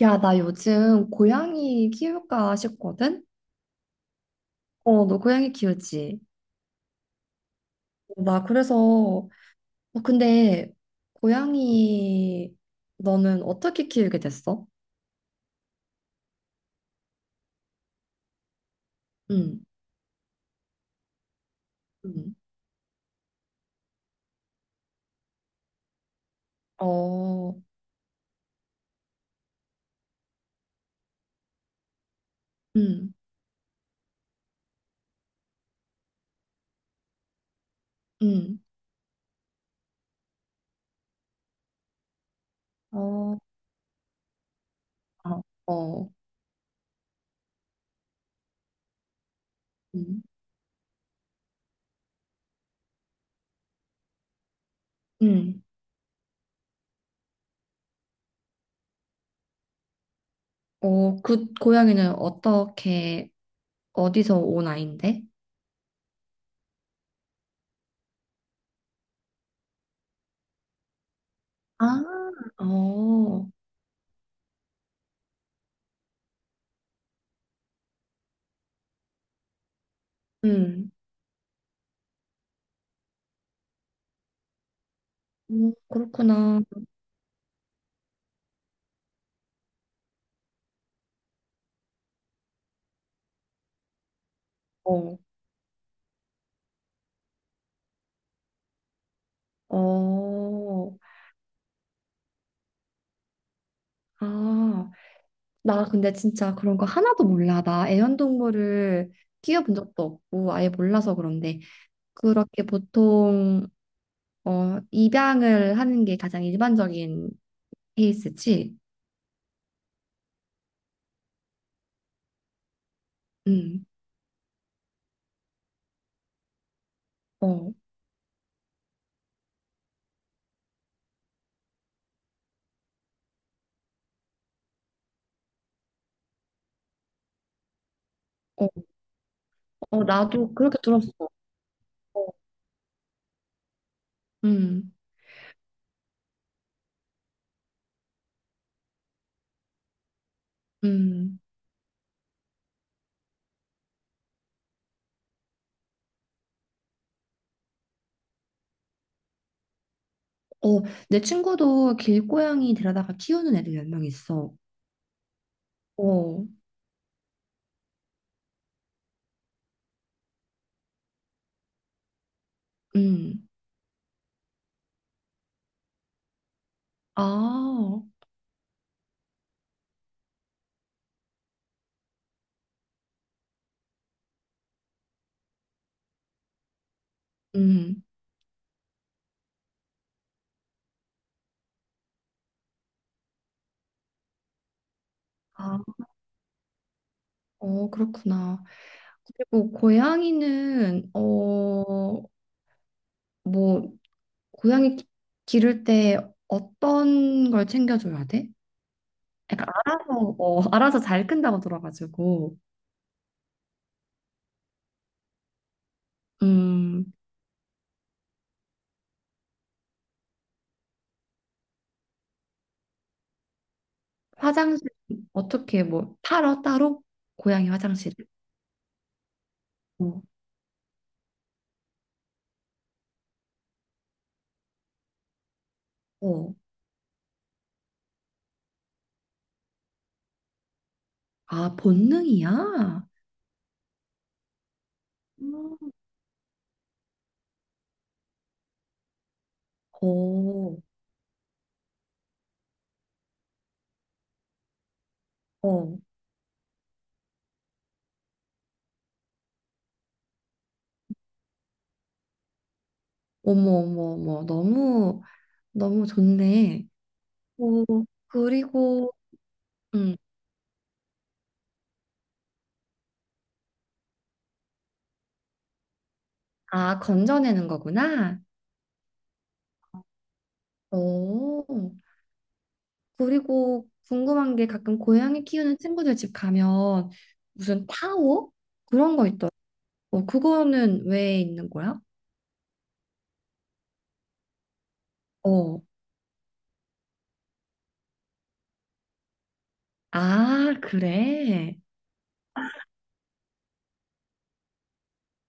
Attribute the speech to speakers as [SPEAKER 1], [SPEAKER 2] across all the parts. [SPEAKER 1] 야, 나 요즘 고양이 키울까 싶거든? 어, 너 고양이 키우지? 어, 나 그래서, 어, 근데 고양이 너는 어떻게 키우게 됐어? 응, 응, 어, 응, 응, 어, 어, 어, 응, 응. 어, 그 고양이는 어떻게, 어디서 온 아인데? 아, 어, 응, 그렇구나. 어, 어, 아. 나 근데 진짜 그런 거 하나도 몰라. 나 애완동물을 키워본 적도 없고 아예 몰라서 그런데 그렇게 보통 어 입양을 하는 게 가장 일반적인 케이스지. 응. 어. 어. 어 나도 그렇게 들었어. 어. 음. 음. 어, 내 친구도 길고양이 데려다가 키우는 애들 몇 명 있어. 어. 음. 아. 음. 아. 어, 그렇구나. 그리고 고양이는 어 뭐 고양이 기를 때 어떤 걸 챙겨줘야 돼? 약간 알아서 어, 알아서 잘 큰다고 들어가지고 음 화장실 어떻게 뭐 팔어 따로 고양이 화장실 어, 어. 아 본능이야? 음. 어, 어. 어머 어머 어머 너무 너무 좋네. 오 그리고 음 아 건져내는 거구나. 오 그리고 궁금한 게 가끔 고양이 키우는 친구들 집 가면 무슨 타워? 그런 거 있더라고. 어, 그거는 왜 있는 거야? 어. 아, 그래.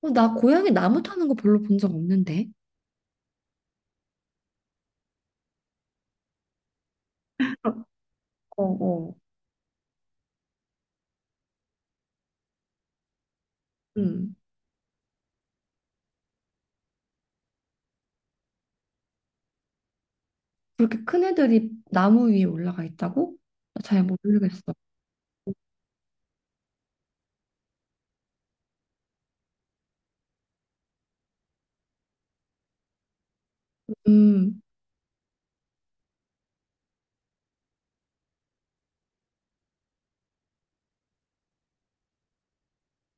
[SPEAKER 1] 어, 나 고양이 나무 타는 거 별로 본 적 없는데. 어, 어. 음. 그렇게 큰 애들이 나무 위에 올라가 있다고? 나 잘 모르겠어. 음.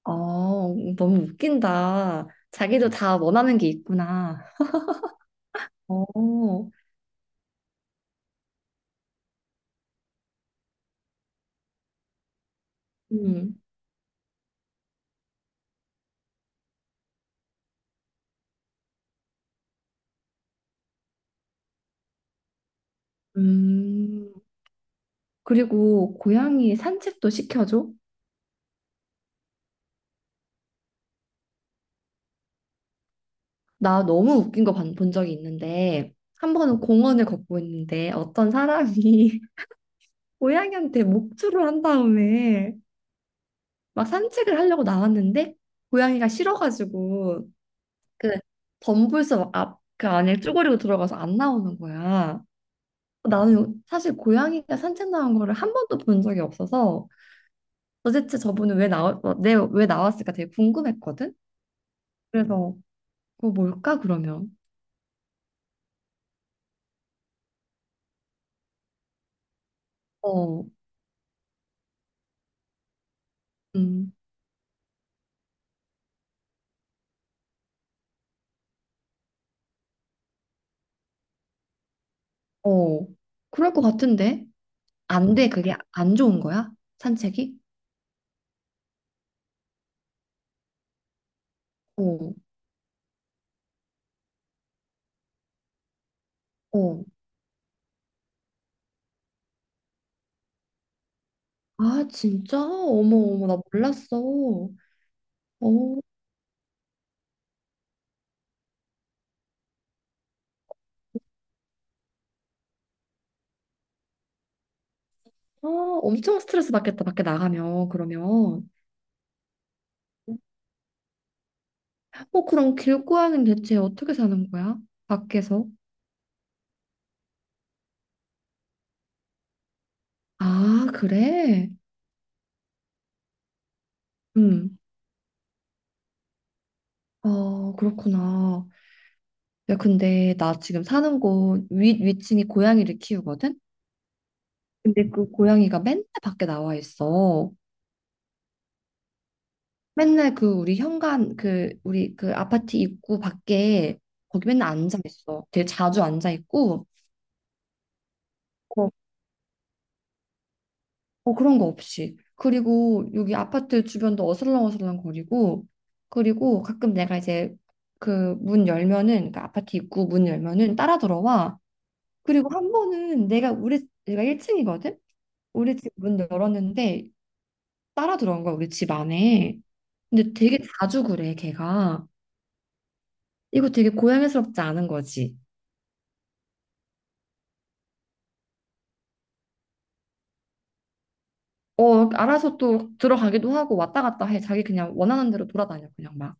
[SPEAKER 1] 아, 너무 웃긴다. 자기도 다 원하는 게 있구나. 어. 음. 음. 그리고 고양이 산책도 시켜줘? 나 너무 웃긴 거 본 적이 있는데 한 번은 공원을 걷고 있는데 어떤 사람이 고양이한테 목줄을 한 다음에 막 산책을 하려고 나왔는데 고양이가 싫어가지고 그 덤불섬 앞그 안에 쭈그리고 들어가서 안 나오는 거야. 나는 사실 고양이가 산책 나온 거를 한 번도 본 적이 없어서 도대체 저분은 왜 나왔을까 되게 궁금했거든. 그래서 그거 뭘까 그러면? 어, 음, 어, 그럴 것 같은데? 안 돼, 그게 안 좋은 거야? 산책이? 어, 어. 아, 진짜? 어머, 어머, 나 몰랐어. 어, 아, 엄청 스트레스 받겠다, 밖에 나가면, 그러면. 어, 그럼 길고양이는 대체 어떻게 사는 거야? 밖에서? 아, 그래? 음, 아, 그렇구나. 야, 근데 나 지금 사는 곳 위층이 고양이를 키우거든? 근데 그 고양이가 맨날 밖에 나와 있어. 맨날 그 우리 현관 그 우리 그 아파트 입구 밖에 거기 맨날 앉아 있어. 되게 자주 앉아 있고 어, 어 그런 거 없이. 그리고 여기 아파트 주변도 어슬렁어슬렁 거리고 그리고 가끔 내가 이제 그 문 열면은 그 아파트 입구 문 열면은 따라 들어와. 그리고 한 번은 내가 1층이거든. 우리 집 문 열었는데 따라 들어온 거야 우리 집 안에. 근데 되게 자주 그래 걔가. 이거 되게 고양이스럽지 않은 거지. 어, 알아서 또 들어가기도 하고 왔다 갔다 해. 자기 그냥 원하는 대로 돌아다녀, 그냥 막.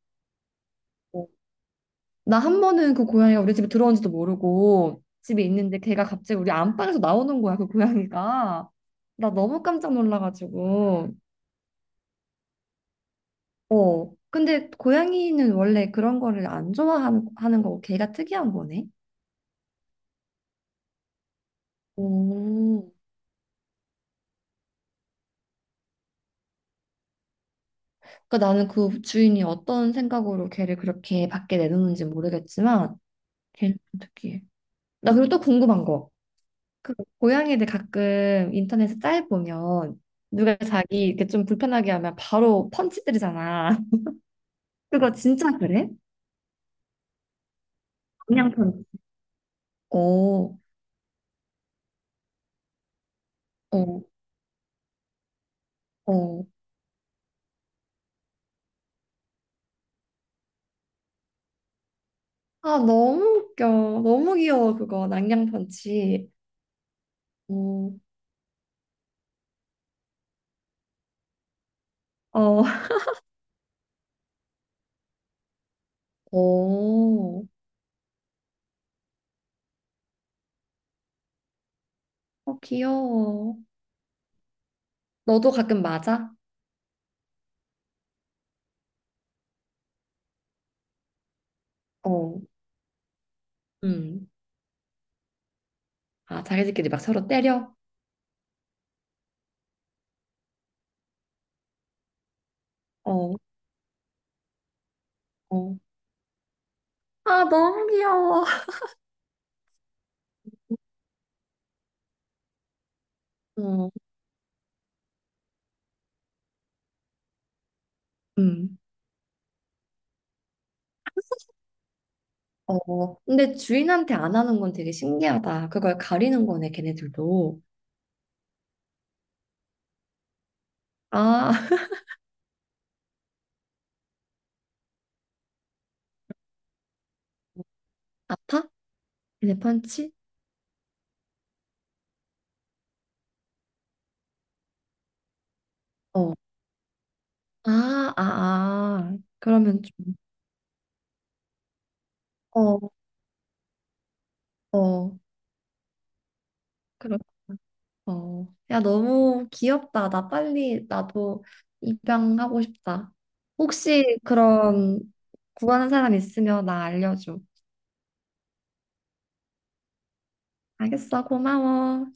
[SPEAKER 1] 나 한 번은 그 고양이가 우리 집에 들어온지도 모르고 집에 있는데 걔가 갑자기 우리 안방에서 나오는 거야, 그 고양이가. 나 너무 깜짝 놀라가지고. 어. 근데 고양이는 원래 그런 거를 안 좋아하는 하는 거고 걔가 특이한 거네. 오. 그러니까 나는 그 주인이 어떤 생각으로 걔를 그렇게 밖에 내놓는지 모르겠지만 걔는 좀 특이해. 나 그리고 또 궁금한 거. 그 고양이들 가끔 인터넷에 짤 보면 누가 자기 이렇게 좀 불편하게 하면 바로 펀치 때리잖아. 그거 진짜 그래? 그냥 펀치. 오, 오, 오. 아, 너무 웃겨. 너무 귀여워, 그거. 낭냥 펀치. 오, 어, 오. 어, 귀여워. 너도 가끔 맞아? 어, 음. 아, 자기들끼리 막 서로 때려? 어, 어. 아, 너무 귀여워. 어, 음. 어, 근데 주인한테 안 하는 건 되게 신기하다. 그걸 가리는 거네, 걔네들도. 아, 아파? 걔네 펀치? 어. 아, 아, 아. 그러면 좀, 어, 어, 그렇, 어. 야, 너무 귀엽다. 나 빨리, 나도 입양하고 싶다. 혹시 그런 구하는 사람 있으면 나 알려줘. 알겠어, 고마워.